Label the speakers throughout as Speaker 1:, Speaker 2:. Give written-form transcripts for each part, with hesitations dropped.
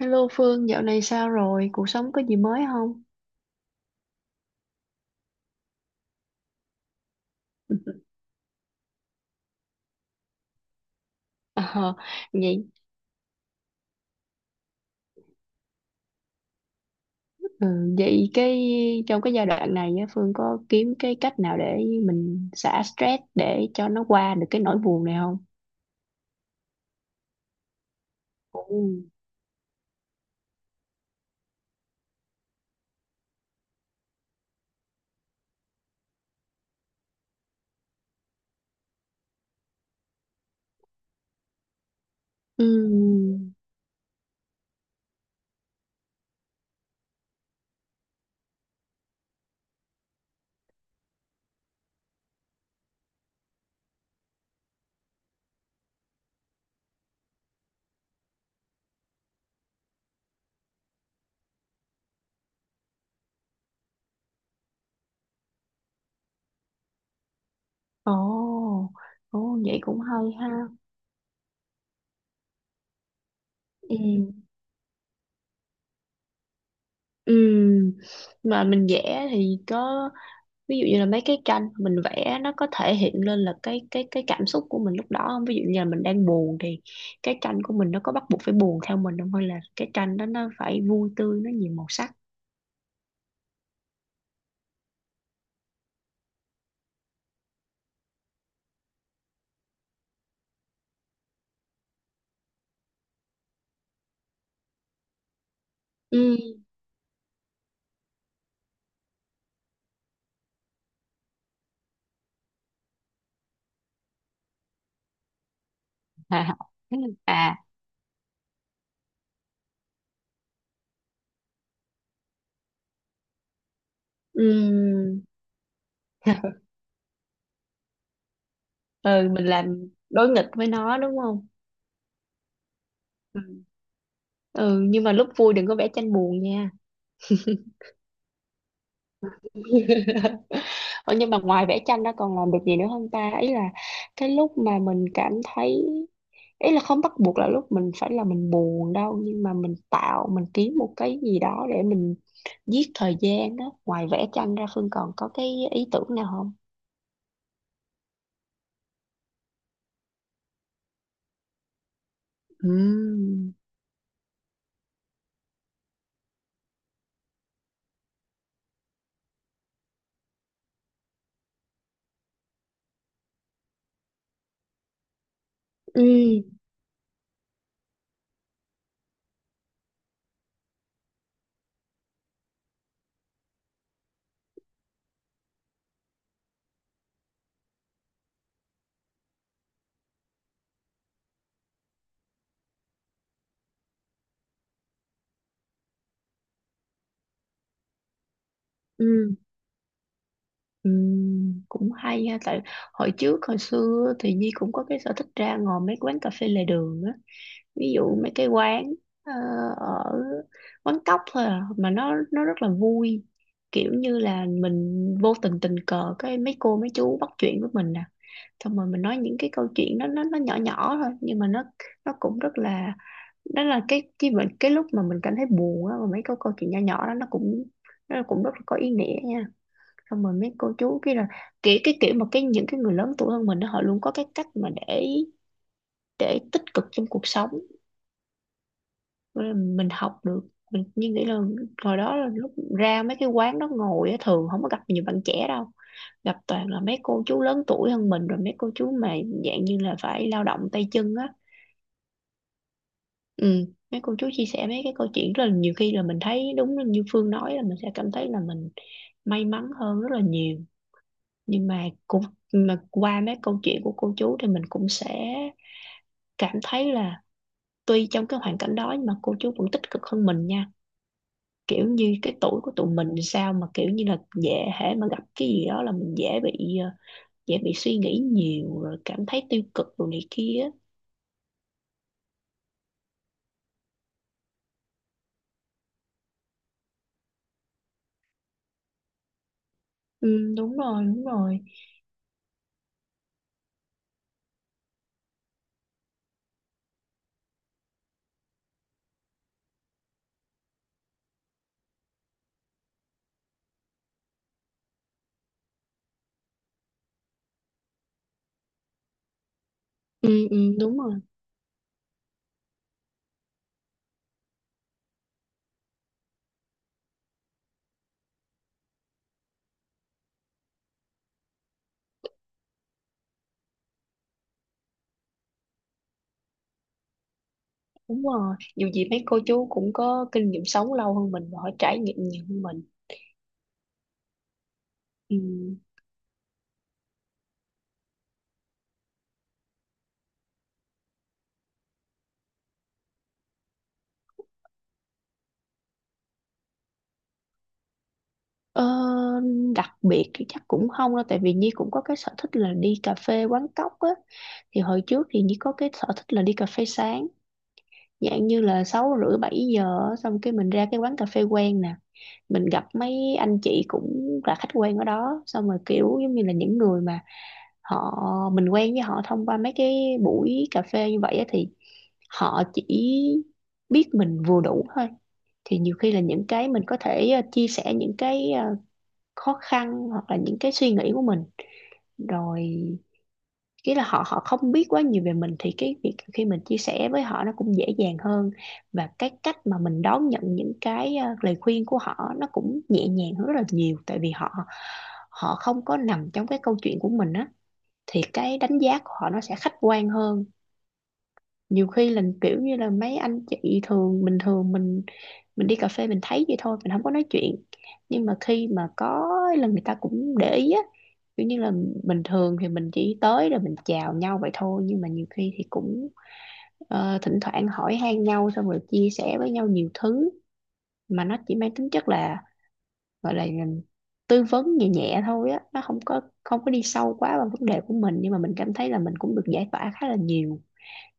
Speaker 1: Hello Phương, dạo này sao rồi? Cuộc sống có gì mới không? Ờ, vậy. Ừ, vậy cái Trong cái giai đoạn này á, Phương có kiếm cái cách nào để mình xả stress để cho nó qua được cái nỗi buồn này không? Ồ. Ừ. Ồ. Ồ, vậy cũng hay ha. Ừ. Ừ. Mà mình vẽ thì có, ví dụ như là mấy cái tranh mình vẽ, nó có thể hiện lên là cái cảm xúc của mình lúc đó không? Ví dụ như là mình đang buồn thì cái tranh của mình nó có bắt buộc phải buồn theo mình không, hay là cái tranh đó nó phải vui tươi, nó nhiều màu sắc? Ừ. À. Ừ. Ừ, mình làm đối nghịch với nó đúng không? Ừ. Ừ, nhưng mà lúc vui đừng có vẽ tranh buồn nha. Ủa, nhưng mà ngoài vẽ tranh đó còn làm được gì nữa không ta? Ý là cái lúc mà mình cảm thấy, ý là không bắt buộc là lúc mình phải là mình buồn đâu, nhưng mà mình tạo, mình kiếm một cái gì đó để mình giết thời gian đó. Ngoài vẽ tranh ra, Phương còn có cái ý tưởng nào không? Ừm. Ừm. Ừm. Cũng hay ha. Tại hồi trước hồi xưa thì Nhi cũng có cái sở thích ra ngồi mấy quán cà phê lề đường á. Ví dụ mấy cái quán ờ, ở, quán cóc thôi à, mà nó rất là vui. Kiểu như là mình vô tình tình cờ, cái mấy cô mấy chú bắt chuyện với mình nè, xong rồi mình nói những cái câu chuyện đó, nó nhỏ nhỏ thôi, nhưng mà nó cũng rất là, đó là cái lúc mà mình cảm thấy buồn á, mà mấy câu câu chuyện nhỏ nhỏ đó nó cũng rất là có ý nghĩa nha. Xong rồi mấy cô chú kia là kiểu cái kiểu mà cái những cái người lớn tuổi hơn mình đó, họ luôn có cái cách mà để tích cực trong cuộc sống. Nên là mình học được, mình như nghĩ là hồi đó là lúc ra mấy cái quán đó ngồi á, thường không có gặp nhiều bạn trẻ đâu, gặp toàn là mấy cô chú lớn tuổi hơn mình, rồi mấy cô chú mà dạng như là phải lao động tay chân á. Ừ. Mấy cô chú chia sẻ mấy cái câu chuyện, rất là nhiều khi là mình thấy đúng như Phương nói, là mình sẽ cảm thấy là mình may mắn hơn rất là nhiều. Nhưng mà cũng, mà qua mấy câu chuyện của cô chú thì mình cũng sẽ cảm thấy là tuy trong cái hoàn cảnh đó nhưng mà cô chú vẫn tích cực hơn mình nha. Kiểu như cái tuổi của tụi mình sao mà kiểu như là dễ, hễ mà gặp cái gì đó là mình dễ bị dễ bị suy nghĩ nhiều rồi cảm thấy tiêu cực rồi này kia. Ừ, đúng rồi, đúng rồi. Ừ, ừ, đúng rồi, đúng rồi. Dù gì mấy cô chú cũng có kinh nghiệm sống lâu hơn mình và họ trải nghiệm nhiều hơn mình. Ừ. Ờ, đặc biệt thì chắc cũng không đâu, tại vì Nhi cũng có cái sở thích là đi cà phê quán cóc á. Thì hồi trước thì Nhi có cái sở thích là đi cà phê sáng, dạng như là 6 rưỡi 7 giờ á, xong cái mình ra cái quán cà phê quen nè. Mình gặp mấy anh chị cũng là khách quen ở đó, xong rồi kiểu giống như là những người mà họ, mình quen với họ thông qua mấy cái buổi cà phê như vậy á, thì họ chỉ biết mình vừa đủ thôi. Thì nhiều khi là những cái mình có thể chia sẻ những cái khó khăn hoặc là những cái suy nghĩ của mình, rồi cái là họ họ không biết quá nhiều về mình, thì cái việc khi mình chia sẻ với họ nó cũng dễ dàng hơn. Và cái cách mà mình đón nhận những cái lời khuyên của họ nó cũng nhẹ nhàng hơn rất là nhiều, tại vì họ họ không có nằm trong cái câu chuyện của mình á, thì cái đánh giá của họ nó sẽ khách quan hơn. Nhiều khi là kiểu như là mấy anh chị thường bình thường mình đi cà phê mình thấy vậy thôi, mình không có nói chuyện, nhưng mà khi mà có là người ta cũng để ý á, kiểu như là bình thường thì mình chỉ tới rồi mình chào nhau vậy thôi, nhưng mà nhiều khi thì cũng thỉnh thoảng hỏi han nhau xong rồi chia sẻ với nhau nhiều thứ, mà nó chỉ mang tính chất là gọi là tư vấn nhẹ nhẹ thôi á, nó không có, không có đi sâu quá vào vấn đề của mình, nhưng mà mình cảm thấy là mình cũng được giải tỏa khá là nhiều.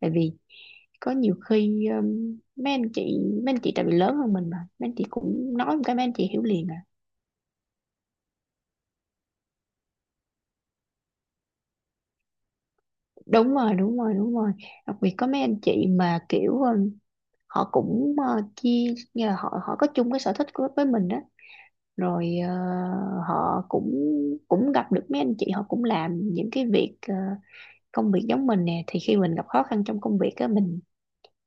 Speaker 1: Tại vì có nhiều khi mấy anh chị, mấy anh chị tại vì lớn hơn mình mà mấy anh chị cũng nói một cái mấy anh chị hiểu liền à. Đúng rồi, đúng rồi, đúng rồi. Đặc biệt có mấy anh chị mà kiểu họ cũng chia, như là họ họ có chung cái sở thích của, với mình đó. Rồi họ cũng, cũng gặp được mấy anh chị họ cũng làm những cái việc công việc giống mình nè, thì khi mình gặp khó khăn trong công việc á,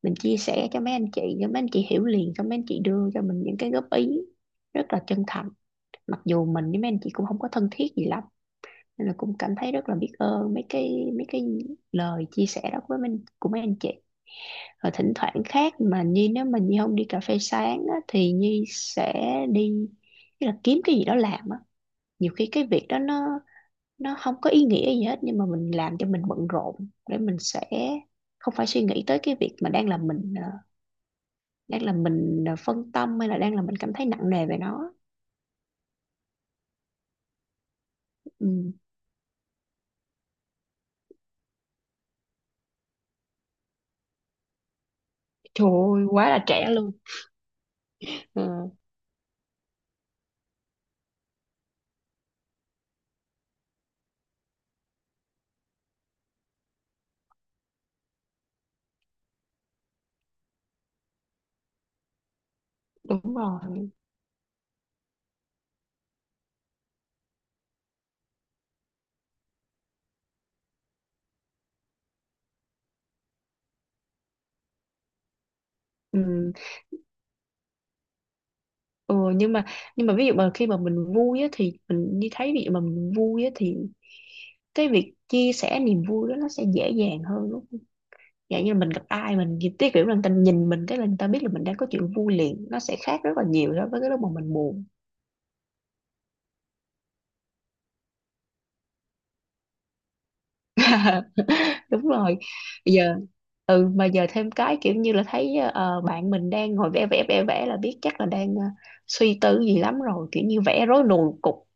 Speaker 1: mình chia sẻ cho mấy anh chị, cho mấy anh chị hiểu liền, cho mấy anh chị đưa cho mình những cái góp ý rất là chân thành, mặc dù mình với mấy anh chị cũng không có thân thiết gì lắm, nên là cũng cảm thấy rất là biết ơn mấy cái lời chia sẻ đó với mình của mấy anh chị. Rồi thỉnh thoảng khác mà Nhi, nếu mà Nhi không đi cà phê sáng á, thì Nhi sẽ đi, tức là kiếm cái gì đó làm á. Nhiều khi cái việc đó nó không có ý nghĩa gì hết, nhưng mà mình làm cho mình bận rộn để mình sẽ không phải suy nghĩ tới cái việc mà đang làm mình đang làm mình phân tâm, hay là đang làm mình cảm thấy nặng nề về nó. Ừ. Trời ơi, quá là trẻ luôn. Ờ, đúng rồi. Ừ. Ừ nhưng mà, nhưng mà ví dụ mà khi mà mình vui á thì mình đi thấy, ví dụ mà mình vui á thì cái việc chia sẻ niềm vui đó nó sẽ dễ dàng hơn đúng không? Dạng như mình gặp ai mình thì cái kiểu là người ta nhìn mình cái là người ta biết là mình đang có chuyện vui liền, nó sẽ khác rất là nhiều so với cái lúc mà mình buồn. Đúng rồi. Bây giờ, ừ mà giờ thêm cái kiểu như là thấy bạn mình đang ngồi vẽ vẽ vẽ vẽ là biết chắc là đang suy tư gì lắm rồi, kiểu như vẽ rối nùi cục,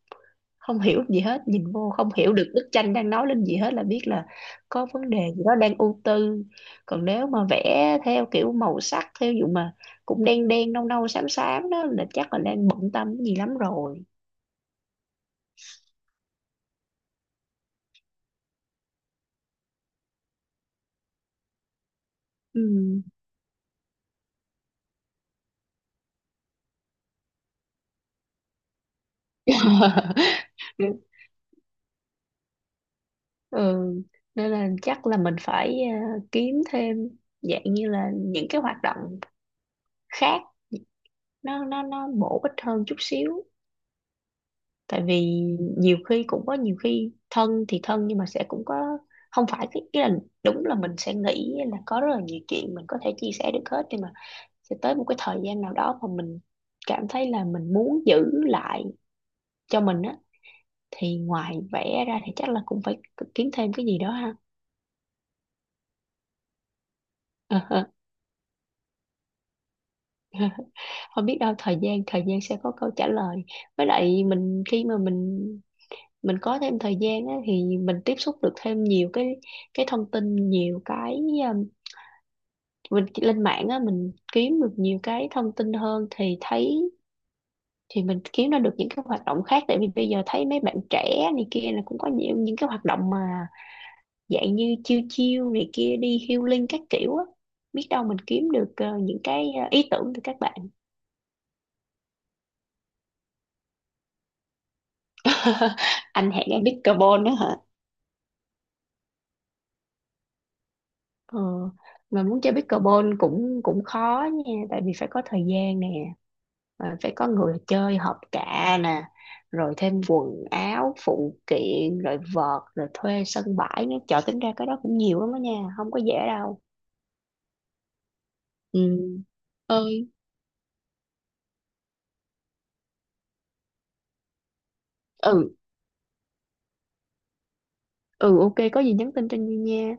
Speaker 1: không hiểu gì hết, nhìn vô không hiểu được bức tranh đang nói lên gì hết, là biết là có vấn đề gì đó đang ưu tư. Còn nếu mà vẽ theo kiểu màu sắc theo dụ mà cũng đen đen nâu nâu xám xám đó là chắc là đang bận tâm cái gì lắm rồi. Ừ. Ừ. Nên là chắc là mình phải kiếm thêm, dạng như là những cái hoạt động khác, nó bổ ích hơn chút xíu. Tại vì nhiều khi cũng có, nhiều khi thân thì thân nhưng mà sẽ cũng có, không phải cái ý là, đúng là mình sẽ nghĩ là có rất là nhiều chuyện mình có thể chia sẻ được hết, nhưng mà sẽ tới một cái thời gian nào đó mà mình cảm thấy là mình muốn giữ lại cho mình á, thì ngoài vẽ ra thì chắc là cũng phải kiếm thêm cái gì đó ha. Không biết đâu, thời gian sẽ có câu trả lời. Với lại mình khi mà mình có thêm thời gian á, thì mình tiếp xúc được thêm nhiều cái thông tin, nhiều cái um, mình lên mạng á, mình kiếm được nhiều cái thông tin hơn thì thấy, thì mình kiếm ra được những cái hoạt động khác. Tại vì bây giờ thấy mấy bạn trẻ này kia là cũng có nhiều những cái hoạt động mà dạng như chiêu chiêu này kia, đi healing các kiểu á, biết đâu mình kiếm được những cái ý tưởng từ các bạn. Anh hẹn em biết carbon đó. Ờ, mà muốn chơi pickleball cũng cũng khó nha, tại vì phải có thời gian nè, mà phải có người chơi hợp cạ nè, rồi thêm quần áo phụ kiện, rồi vợt, rồi thuê sân bãi nữa, trời tính ra cái đó cũng nhiều lắm đó nha, không có dễ đâu. Ừ. Ơi. Ừ. Ừ, ok, có gì nhắn tin cho Nhi nha.